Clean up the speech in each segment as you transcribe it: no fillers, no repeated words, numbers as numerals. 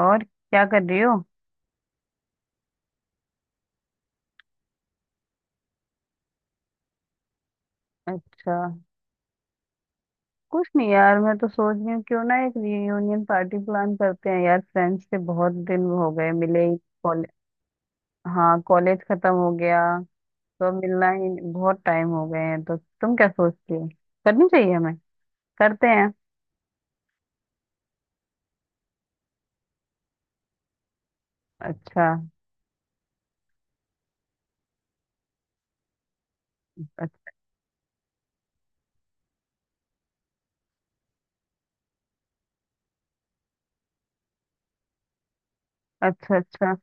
और क्या कर रही हो? अच्छा। कुछ नहीं यार, मैं तो सोच रही हूँ क्यों ना एक रियूनियन पार्टी प्लान करते हैं यार। फ्रेंड्स से बहुत दिन हो गए मिले ही। कॉलेज। हाँ कॉलेज खत्म हो गया। तो अब मिलना ही, बहुत टाइम हो गए हैं, तो तुम क्या सोचती हो? करनी चाहिए हमें। करते हैं। अच्छा। अ- अच्छा अच्छा।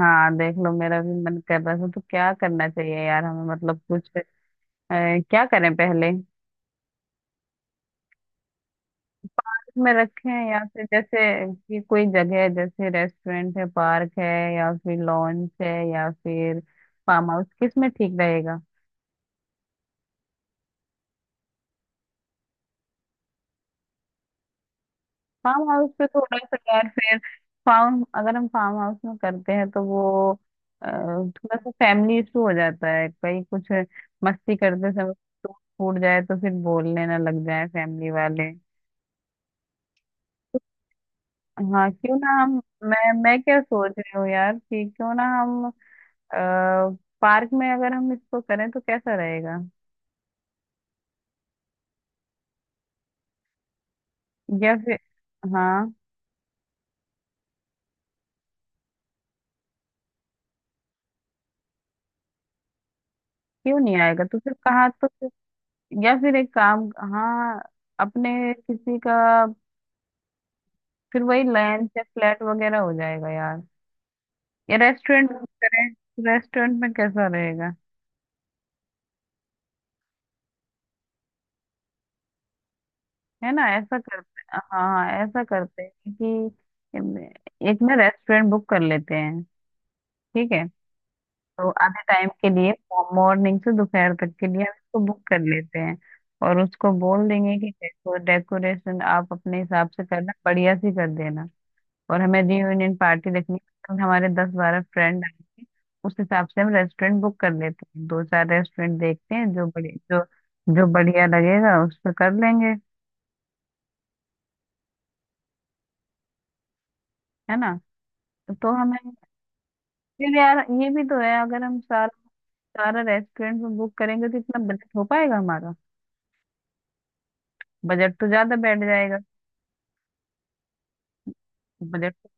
हाँ देख लो, मेरा भी मन कर रहा था तो क्या करना चाहिए यार हमें, मतलब कुछ। अ, क्या करें पहले में रखे हैं, या फिर जैसे कि कोई जगह है जैसे रेस्टोरेंट है, पार्क है, या फिर लॉन्च है, या फिर फार्म हाउस, किस में ठीक रहेगा? फार्म हाउस पे थोड़ा सा यार, फिर फार्म, अगर हम फार्म हाउस में करते हैं तो वो थोड़ा सा फैमिली इशू हो जाता है, कहीं कुछ मस्ती करते समय टूट फूट जाए तो फिर बोलने ना लग जाए फैमिली वाले। हाँ क्यों ना हम, मैं क्या सोच रही हूँ यार कि क्यों ना हम पार्क में, अगर हम इसको करें तो कैसा रहेगा? या फिर, हाँ, क्यों नहीं आएगा? तो फिर कहाँ, तो फिर, या फिर एक काम, हाँ, अपने किसी का, फिर वही लंच या फ्लैट वगैरह हो जाएगा यार, या रेस्टोरेंट में करें। रेस्टोरेंट में कैसा रहेगा? है ना, ऐसा करते, हाँ हाँ ऐसा करते हैं कि एक ना रेस्टोरेंट बुक कर लेते हैं, ठीक है? तो आधे टाइम के लिए, मॉर्निंग से दोपहर तक के लिए हम इसको बुक कर लेते हैं। और उसको बोल देंगे कि डेकोरेशन आप अपने हिसाब से करना, बढ़िया सी कर देना। और हमें रियूनियन पार्टी रखनी है, तो हमारे 10-12 फ्रेंड आएंगे। उस हिसाब से हम रेस्टोरेंट बुक कर लेते हैं, 2-4 रेस्टोरेंट देखते हैं जो बड़े, जो जो बढ़िया लगेगा उस पर कर लेंगे। है ना? तो हमें, फिर यार ये भी तो है, अगर हम सारा सारा रेस्टोरेंट में बुक करेंगे तो इतना बजट हो पाएगा हमारा? बजट तो ज्यादा बैठ जाएगा। बजट तो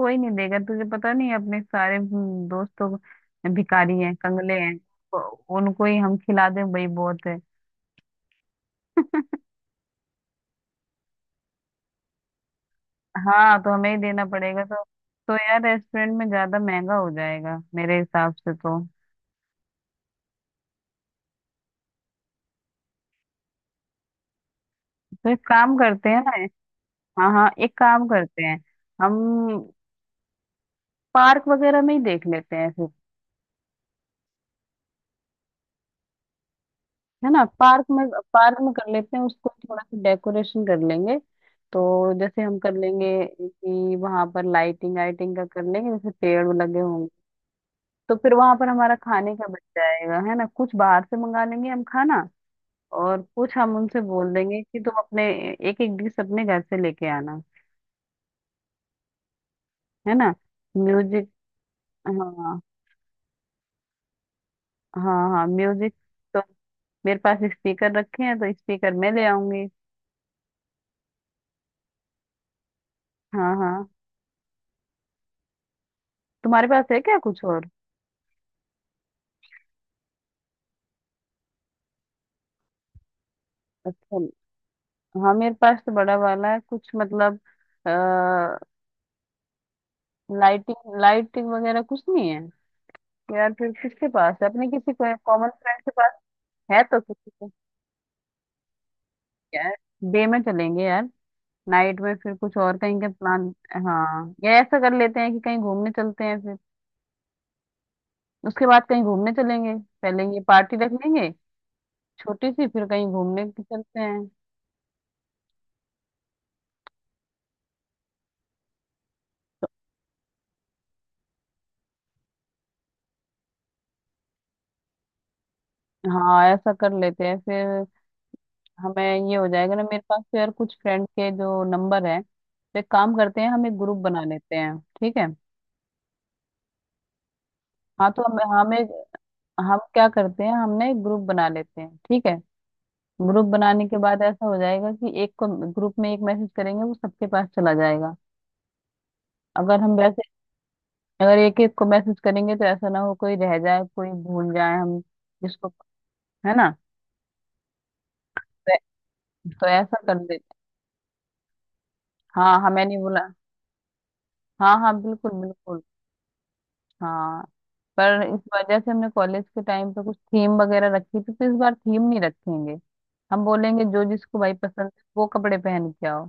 कोई नहीं देगा, तुझे पता नहीं, अपने सारे दोस्त तो भिखारी हैं कंगले हैं, तो उनको ही हम खिला दें भाई, बहुत है। हाँ तो हमें ही देना पड़ेगा तो। तो यार रेस्टोरेंट में ज्यादा महंगा हो जाएगा मेरे हिसाब से तो। तो एक काम करते हैं ना। हाँ हाँ एक काम करते हैं, हम पार्क वगैरह में ही देख लेते हैं। है ना, पार्क में, पार्क में कर लेते हैं उसको, थोड़ा सा डेकोरेशन कर लेंगे तो जैसे हम कर लेंगे कि वहां पर लाइटिंग आइटिंग का कर लेंगे, जैसे पेड़ लगे होंगे तो फिर वहां पर हमारा खाने का बच जाएगा। है ना? कुछ बाहर से मंगा लेंगे हम खाना। और कुछ हम उनसे बोल देंगे कि तुम अपने एक एक डिश अपने घर से लेके आना। है ना? म्यूजिक। हाँ हाँ हाँ म्यूजिक। तो मेरे पास स्पीकर रखे हैं तो स्पीकर मैं ले आऊंगी। हाँ हाँ, तुम्हारे पास है क्या कुछ और? अच्छा। हाँ मेरे पास तो बड़ा वाला है, कुछ मतलब आ, लाइटिंग लाइटिंग वगैरह कुछ नहीं है यार। फिर किसके पास है, अपने किसी को कॉमन फ्रेंड के पास है तो किसी को? यार डे में चलेंगे यार, नाइट में फिर कुछ और कहीं का प्लान, हाँ, या ऐसा कर लेते हैं कि कहीं घूमने चलते हैं, फिर उसके बाद कहीं घूमने चलेंगे। पहले ये पार्टी रख लेंगे छोटी सी, फिर कहीं घूमने चलते हैं। हाँ ऐसा कर लेते हैं फिर। हमें, ये हो जाएगा ना। मेरे पास तो यार कुछ फ्रेंड के जो नंबर है, तो एक काम करते हैं, हम एक ग्रुप बना लेते हैं, ठीक है? हाँ तो हम, हमें, हम क्या करते हैं, हमने एक ग्रुप बना लेते हैं ठीक है। ग्रुप बनाने के बाद ऐसा हो जाएगा कि एक को, ग्रुप में एक मैसेज करेंगे वो सबके पास चला जाएगा। अगर हम वैसे, अगर एक एक को मैसेज करेंगे तो ऐसा ना हो कोई रह जाए, कोई भूल जाए हम जिसको। है ना? तो, तो ऐसा कर लेते, हाँ हमें नहीं बोला। हाँ हाँ बिल्कुल बिल्कुल। हाँ पर इस वजह से हमने कॉलेज के टाइम पे कुछ थीम वगैरह रखी थी, तो इस बार थीम नहीं रखेंगे। हम बोलेंगे जो जिसको भाई पसंद है वो कपड़े पहन के आओ।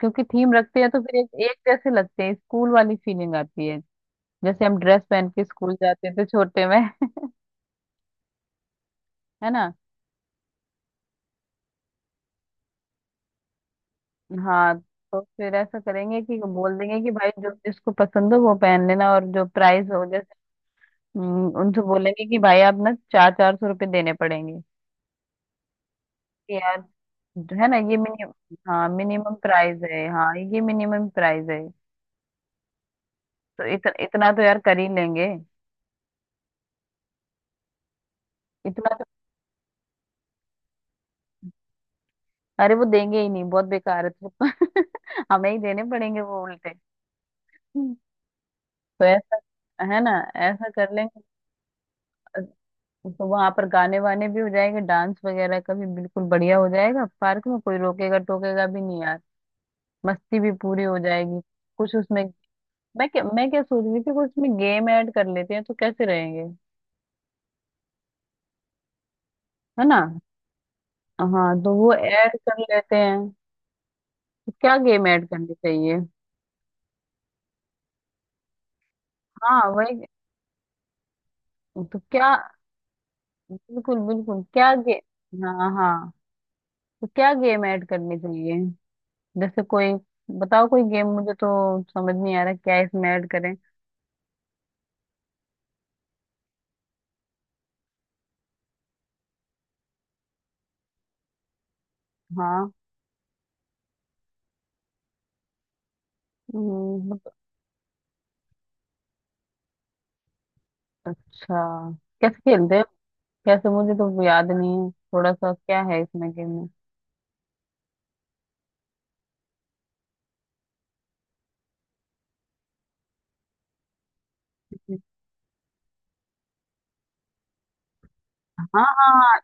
क्योंकि थीम रखते हैं तो फिर एक जैसे लगते हैं, स्कूल वाली फीलिंग आती है, जैसे हम ड्रेस पहन के स्कूल जाते थे छोटे में है ना? हाँ तो फिर ऐसा करेंगे कि बोल देंगे कि भाई जो जिसको पसंद हो वो पहन लेना। और जो प्राइस हो जैसे, उनसे बोलेंगे कि भाई आप ना ₹400-400 देने पड़ेंगे यार। है ना, ये मिनिमम, हाँ मिनिमम प्राइस है, हाँ ये मिनिमम प्राइस है, तो इतना तो यार कर ही लेंगे, इतना तो। अरे वो देंगे ही नहीं, बहुत बेकार है तो हमें ही देने पड़ेंगे वो उल्टे। तो ऐसा, है ना, ऐसा कर लेंगे। तो वहां पर गाने वाने भी हो जाएंगे, डांस वगैरह का भी बिल्कुल बढ़िया हो जाएगा। पार्क में कोई रोकेगा टोकेगा भी नहीं यार, मस्ती भी पूरी हो जाएगी। कुछ उसमें, मैं क्या सोच रही थी, कुछ उसमें गेम ऐड कर लेते हैं तो कैसे रहेंगे? है ना? हाँ तो वो ऐड कर लेते हैं। तो क्या गेम ऐड करनी चाहिए? हाँ वही। तो क्या, बिल्कुल बिल्कुल क्या गेम, हाँ हाँ, तो क्या गेम ऐड करनी चाहिए? जैसे कोई, बताओ कोई गेम, मुझे तो समझ नहीं आ रहा क्या इसमें ऐड करें। हाँ हम्म, बत- अच्छा, कैसे खेलते हैं? कैसे, मुझे तो याद नहीं है थोड़ा सा, क्या है इसमें गेम में? हाँ हाँ हाँ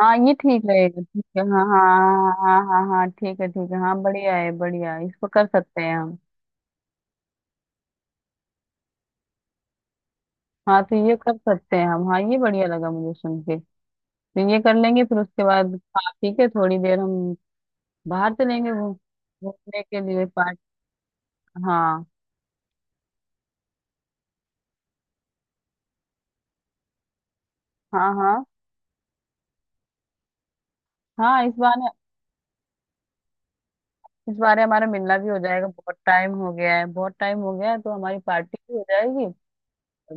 हाँ, ये ठीक रहेगा, ठीक है, हाँ हाँ। हाँ हाँ हाँ हाँ, हाँ, हाँ, ठीक है ठीक है, हाँ बढ़िया है, इसको कर सकते हैं हम। हाँ तो ये कर सकते हैं हम। हाँ ये बढ़िया लगा मुझे सुन के। तो ये कर लेंगे, फिर उसके बाद खा पी के थोड़ी देर हम बाहर चलेंगे घूमने के लिए पार्क। हाँ हाँ। हाँ, हाँ इस बार, इस बार हमारा मिलना भी हो जाएगा, बहुत टाइम हो गया है बहुत टाइम हो गया है, तो हमारी पार्टी भी हो जाएगी और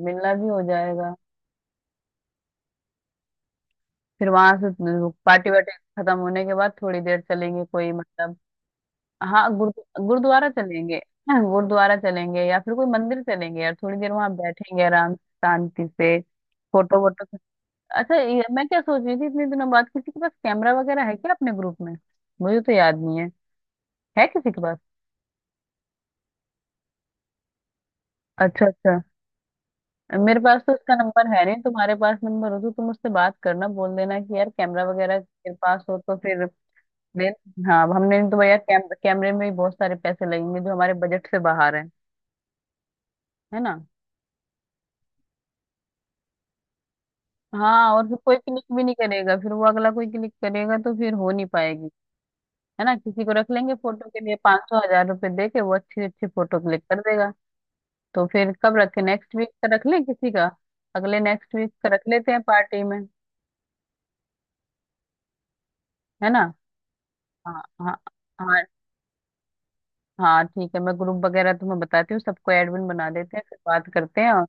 मिलना भी हो जाएगा। फिर वहां से पार्टी वार्टी खत्म होने के बाद थोड़ी देर चलेंगे कोई मतलब, हाँ गुरुद्वारा चलेंगे हाँ, गुरुद्वारा चलेंगे या फिर कोई मंदिर चलेंगे यार, थोड़ी देर वहां बैठेंगे आराम से, शांति से। फोटो वोटो, अच्छा ये, मैं क्या सोच रही थी, इतने दिनों बाद किसी के पास कैमरा वगैरह है क्या अपने ग्रुप में? मुझे तो याद नहीं है, है किसी के पास? अच्छा अच्छा। मेरे पास तो उसका नंबर है नहीं, तुम्हारे पास नंबर हो तो तुम उससे बात करना, बोल देना कि यार कैमरा वगैरह तेरे पास हो तो फिर ले। हाँ, हमने तो यार कैमरे में भी बहुत सारे पैसे लगेंगे, जो हमारे बजट से बाहर है। है ना? हाँ और फिर कोई क्लिक भी नहीं करेगा, फिर वो अगला कोई क्लिक करेगा तो फिर हो नहीं पाएगी। है ना, किसी को रख लेंगे फोटो के लिए, 500-1000 रुपये दे के वो अच्छी अच्छी फोटो क्लिक कर देगा। तो फिर कब रखे? नेक्स्ट वीक का रख लें किसी का, अगले नेक्स्ट वीक का रख लेते हैं पार्टी में। है ना? हाँ हाँ हाँ। हाँ ठीक है, मैं ग्रुप वगैरह तुम्हें बताती हूँ, सबको एडमिन बना देते हैं फिर बात करते हैं और।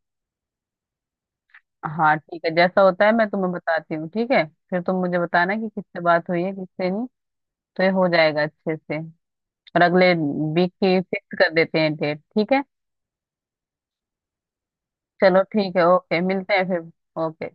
हाँ ठीक है, जैसा होता है मैं तुम्हें बताती हूँ, ठीक है। फिर तुम मुझे बताना कि किससे बात हुई है किससे नहीं। तो ये हो जाएगा अच्छे से। और अगले वीक की फिक्स कर देते हैं डेट, ठीक है। चलो ठीक है, ओके, मिलते हैं फिर। ओके।